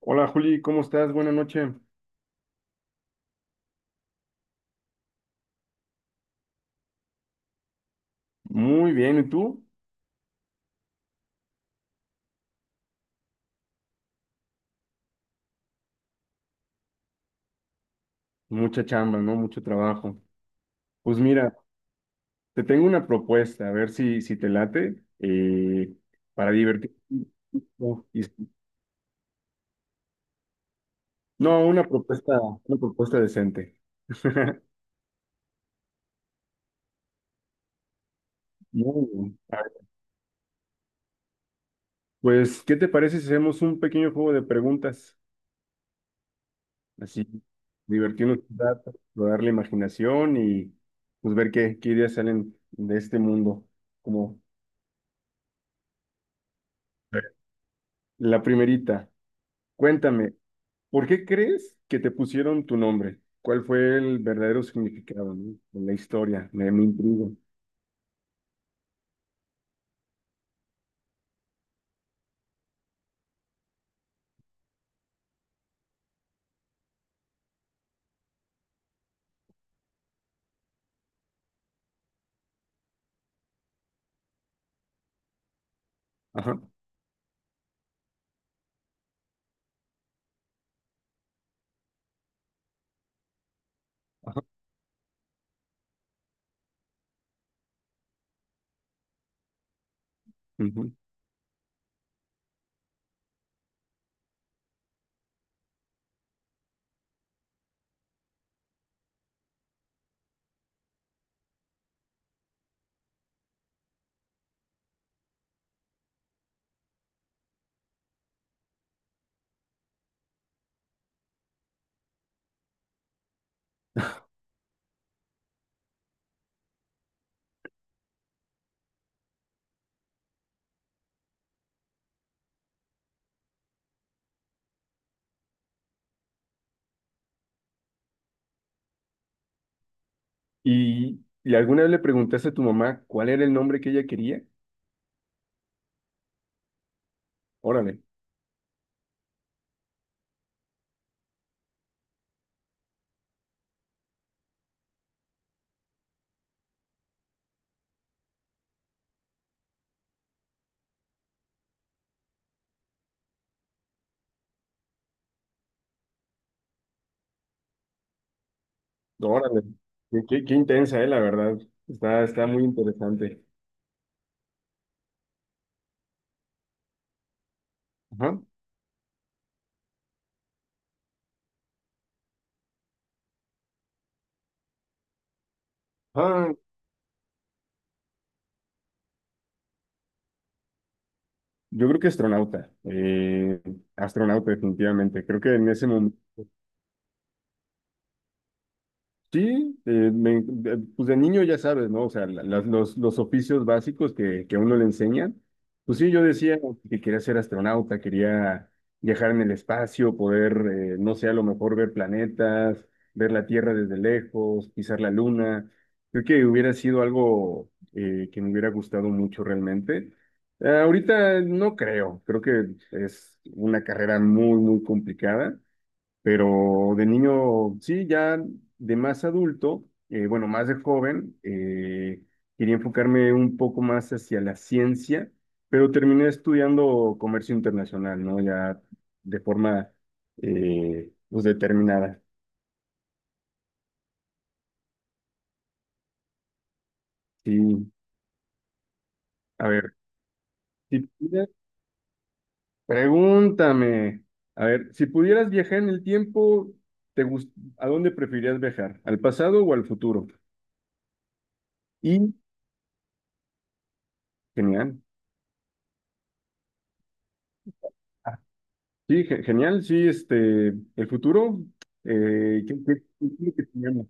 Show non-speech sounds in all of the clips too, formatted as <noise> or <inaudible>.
Hola Juli, ¿cómo estás? Buenas noches. Muy bien, ¿y tú? Mucha chamba, ¿no? Mucho trabajo. Pues mira, te tengo una propuesta, a ver si te late, para divertir. No, y- no, una propuesta decente. <laughs> Muy bien. A ver, pues, ¿qué te parece si hacemos un pequeño juego de preguntas? Así, divertirnos un rato, rodar la imaginación y pues ver qué ideas salen de este mundo. Como la primerita. Cuéntame, ¿por qué crees que te pusieron tu nombre? ¿Cuál fue el verdadero significado, no? En la historia, me intriga. Ajá, ajá. Ujú. Y alguna vez le preguntaste a tu mamá cuál era el nombre que ella quería? Órale, órale. Qué intensa, la verdad. Está, está muy interesante. Ajá. Ah, yo creo que astronauta. Astronauta, definitivamente. Creo que en ese momento. Sí, pues de niño ya sabes, ¿no? O sea, los oficios básicos que a uno le enseñan. Pues sí, yo decía que quería ser astronauta, quería viajar en el espacio, poder, no sé, a lo mejor ver planetas, ver la Tierra desde lejos, pisar la Luna. Creo que hubiera sido algo que me hubiera gustado mucho realmente. Ahorita no creo, creo que es una carrera muy, muy complicada. Pero de niño, sí, ya de más adulto, bueno, más de joven, quería enfocarme un poco más hacia la ciencia, pero terminé estudiando comercio internacional, ¿no? Ya de forma, pues determinada. Sí, a ver, si pudieras- pregúntame, a ver, si pudieras viajar en el tiempo, te gust- ¿a dónde preferirías viajar? ¿Al pasado o al futuro? Y, genial. Sí, genial, sí, este, el futuro, ¿qué es lo que tenemos?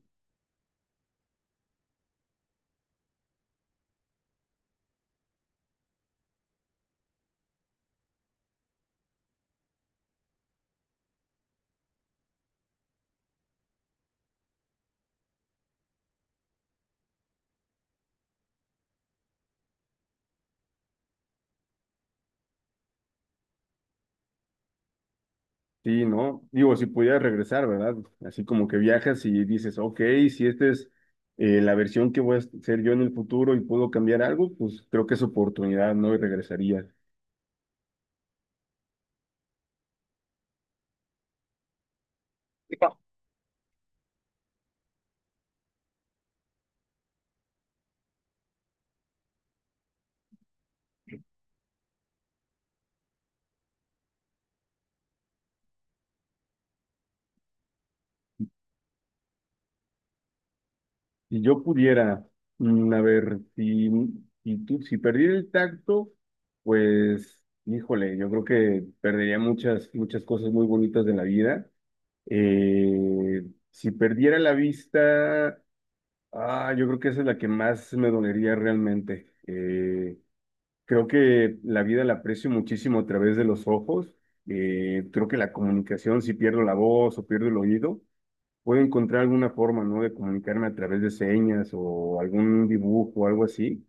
Sí, ¿no? Digo, si pudiera regresar, ¿verdad? Así como que viajas y dices, ok, si esta es la versión que voy a ser yo en el futuro y puedo cambiar algo, pues creo que es oportunidad, ¿no? Y regresaría. Si yo pudiera, mm, a ver, si perdiera el tacto, pues, híjole, yo creo que perdería muchas, muchas cosas muy bonitas de la vida. Eh, si perdiera la vista, ah, yo creo que esa es la que más me dolería realmente. Creo que la vida la aprecio muchísimo a través de los ojos. Creo que la comunicación, si pierdo la voz o pierdo el oído, puedo encontrar alguna forma, ¿no? De comunicarme a través de señas o algún dibujo o algo así,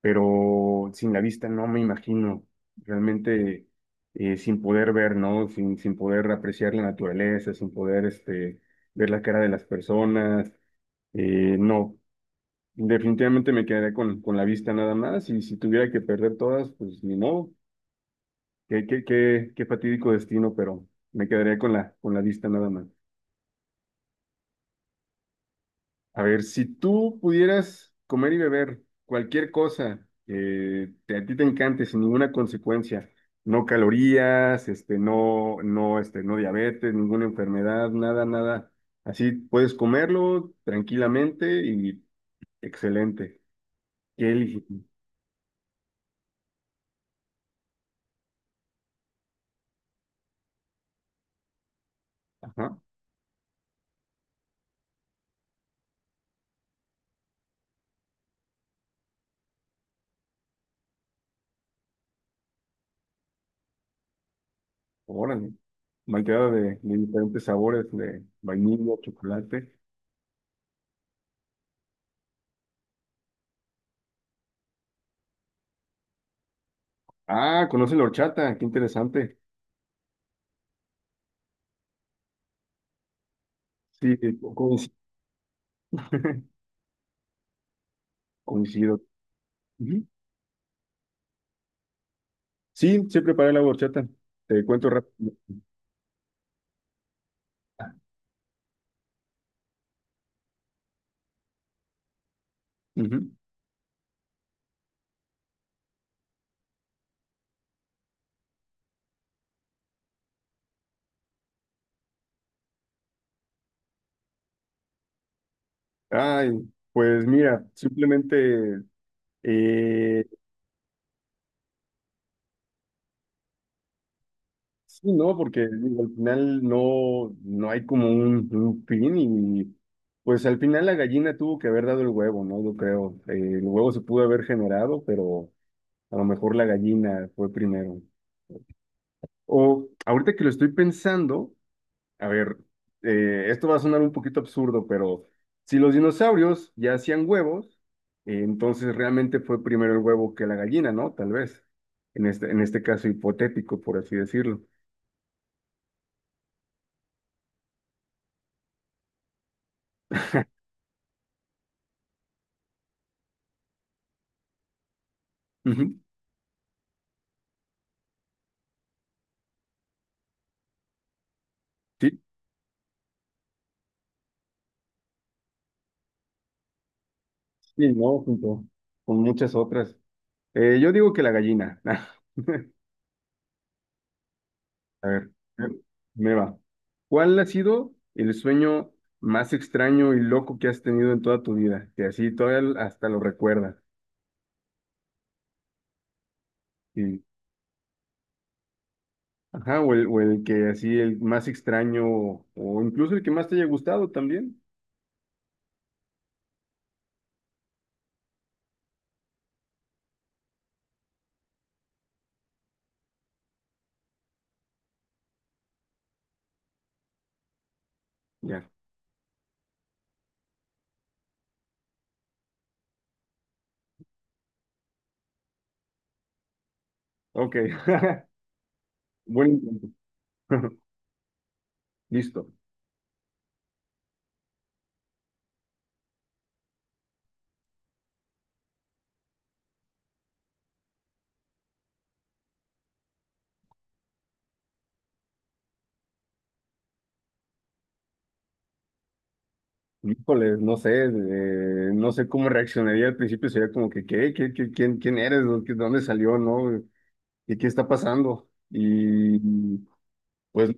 pero sin la vista no me imagino, realmente, sin poder ver, ¿no? Sin poder apreciar la naturaleza, sin poder ver la cara de las personas, no, definitivamente me quedaré con la vista nada más, y si tuviera que perder todas, pues ni modo, qué fatídico destino, pero me quedaría con la vista nada más. A ver, si tú pudieras comer y beber cualquier cosa a ti te encante sin ninguna consecuencia, no calorías, no diabetes, ninguna enfermedad, nada, nada, así puedes comerlo tranquilamente y excelente. ¿Qué eliges? Ajá, órale. Malteada de diferentes sabores, de vainilla, chocolate. Ah, conoce la horchata, qué interesante. Sí, coincido. <laughs> Coincido. Sí, sí preparé la horchata. Te cuento rápido. Ujú. Ay, pues mira, simplemente eh, sí, ¿no? Porque digo, al final no, no hay como un fin, y pues al final la gallina tuvo que haber dado el huevo, ¿no? Yo creo. El huevo se pudo haber generado, pero a lo mejor la gallina fue primero. O ahorita que lo estoy pensando, a ver, esto va a sonar un poquito absurdo, pero si los dinosaurios ya hacían huevos, entonces realmente fue primero el huevo que la gallina, ¿no? Tal vez. En este caso hipotético, por así decirlo. Ujú. Sí, sí, no, junto con muchas otras. Yo digo que la gallina. <laughs> A ver, me va. ¿Cuál ha sido el sueño más extraño y loco que has tenido en toda tu vida? Que así todavía hasta lo recuerdas. Y Ajá, o el que así, el más extraño, o incluso el que más te haya gustado también. Ya, ok. <laughs> Buen intento. <laughs> Listo. Híjole, no sé, no sé cómo reaccionaría al principio, sería como que, ¿qué? ¿ quién, quién eres? ¿Dónde salió? ¿No? ¿Y qué está pasando? Pues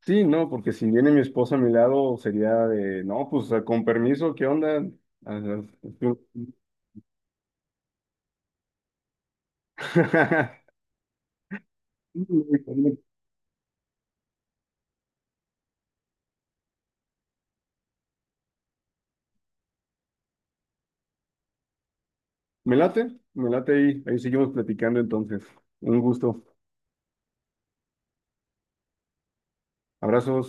sí, no, porque si viene mi esposa a mi lado, sería de, no, pues con permiso, ¿qué onda? Ah, <laughs> <laughs> Me late, me late ahí. Ahí seguimos platicando entonces. Un gusto. Abrazos.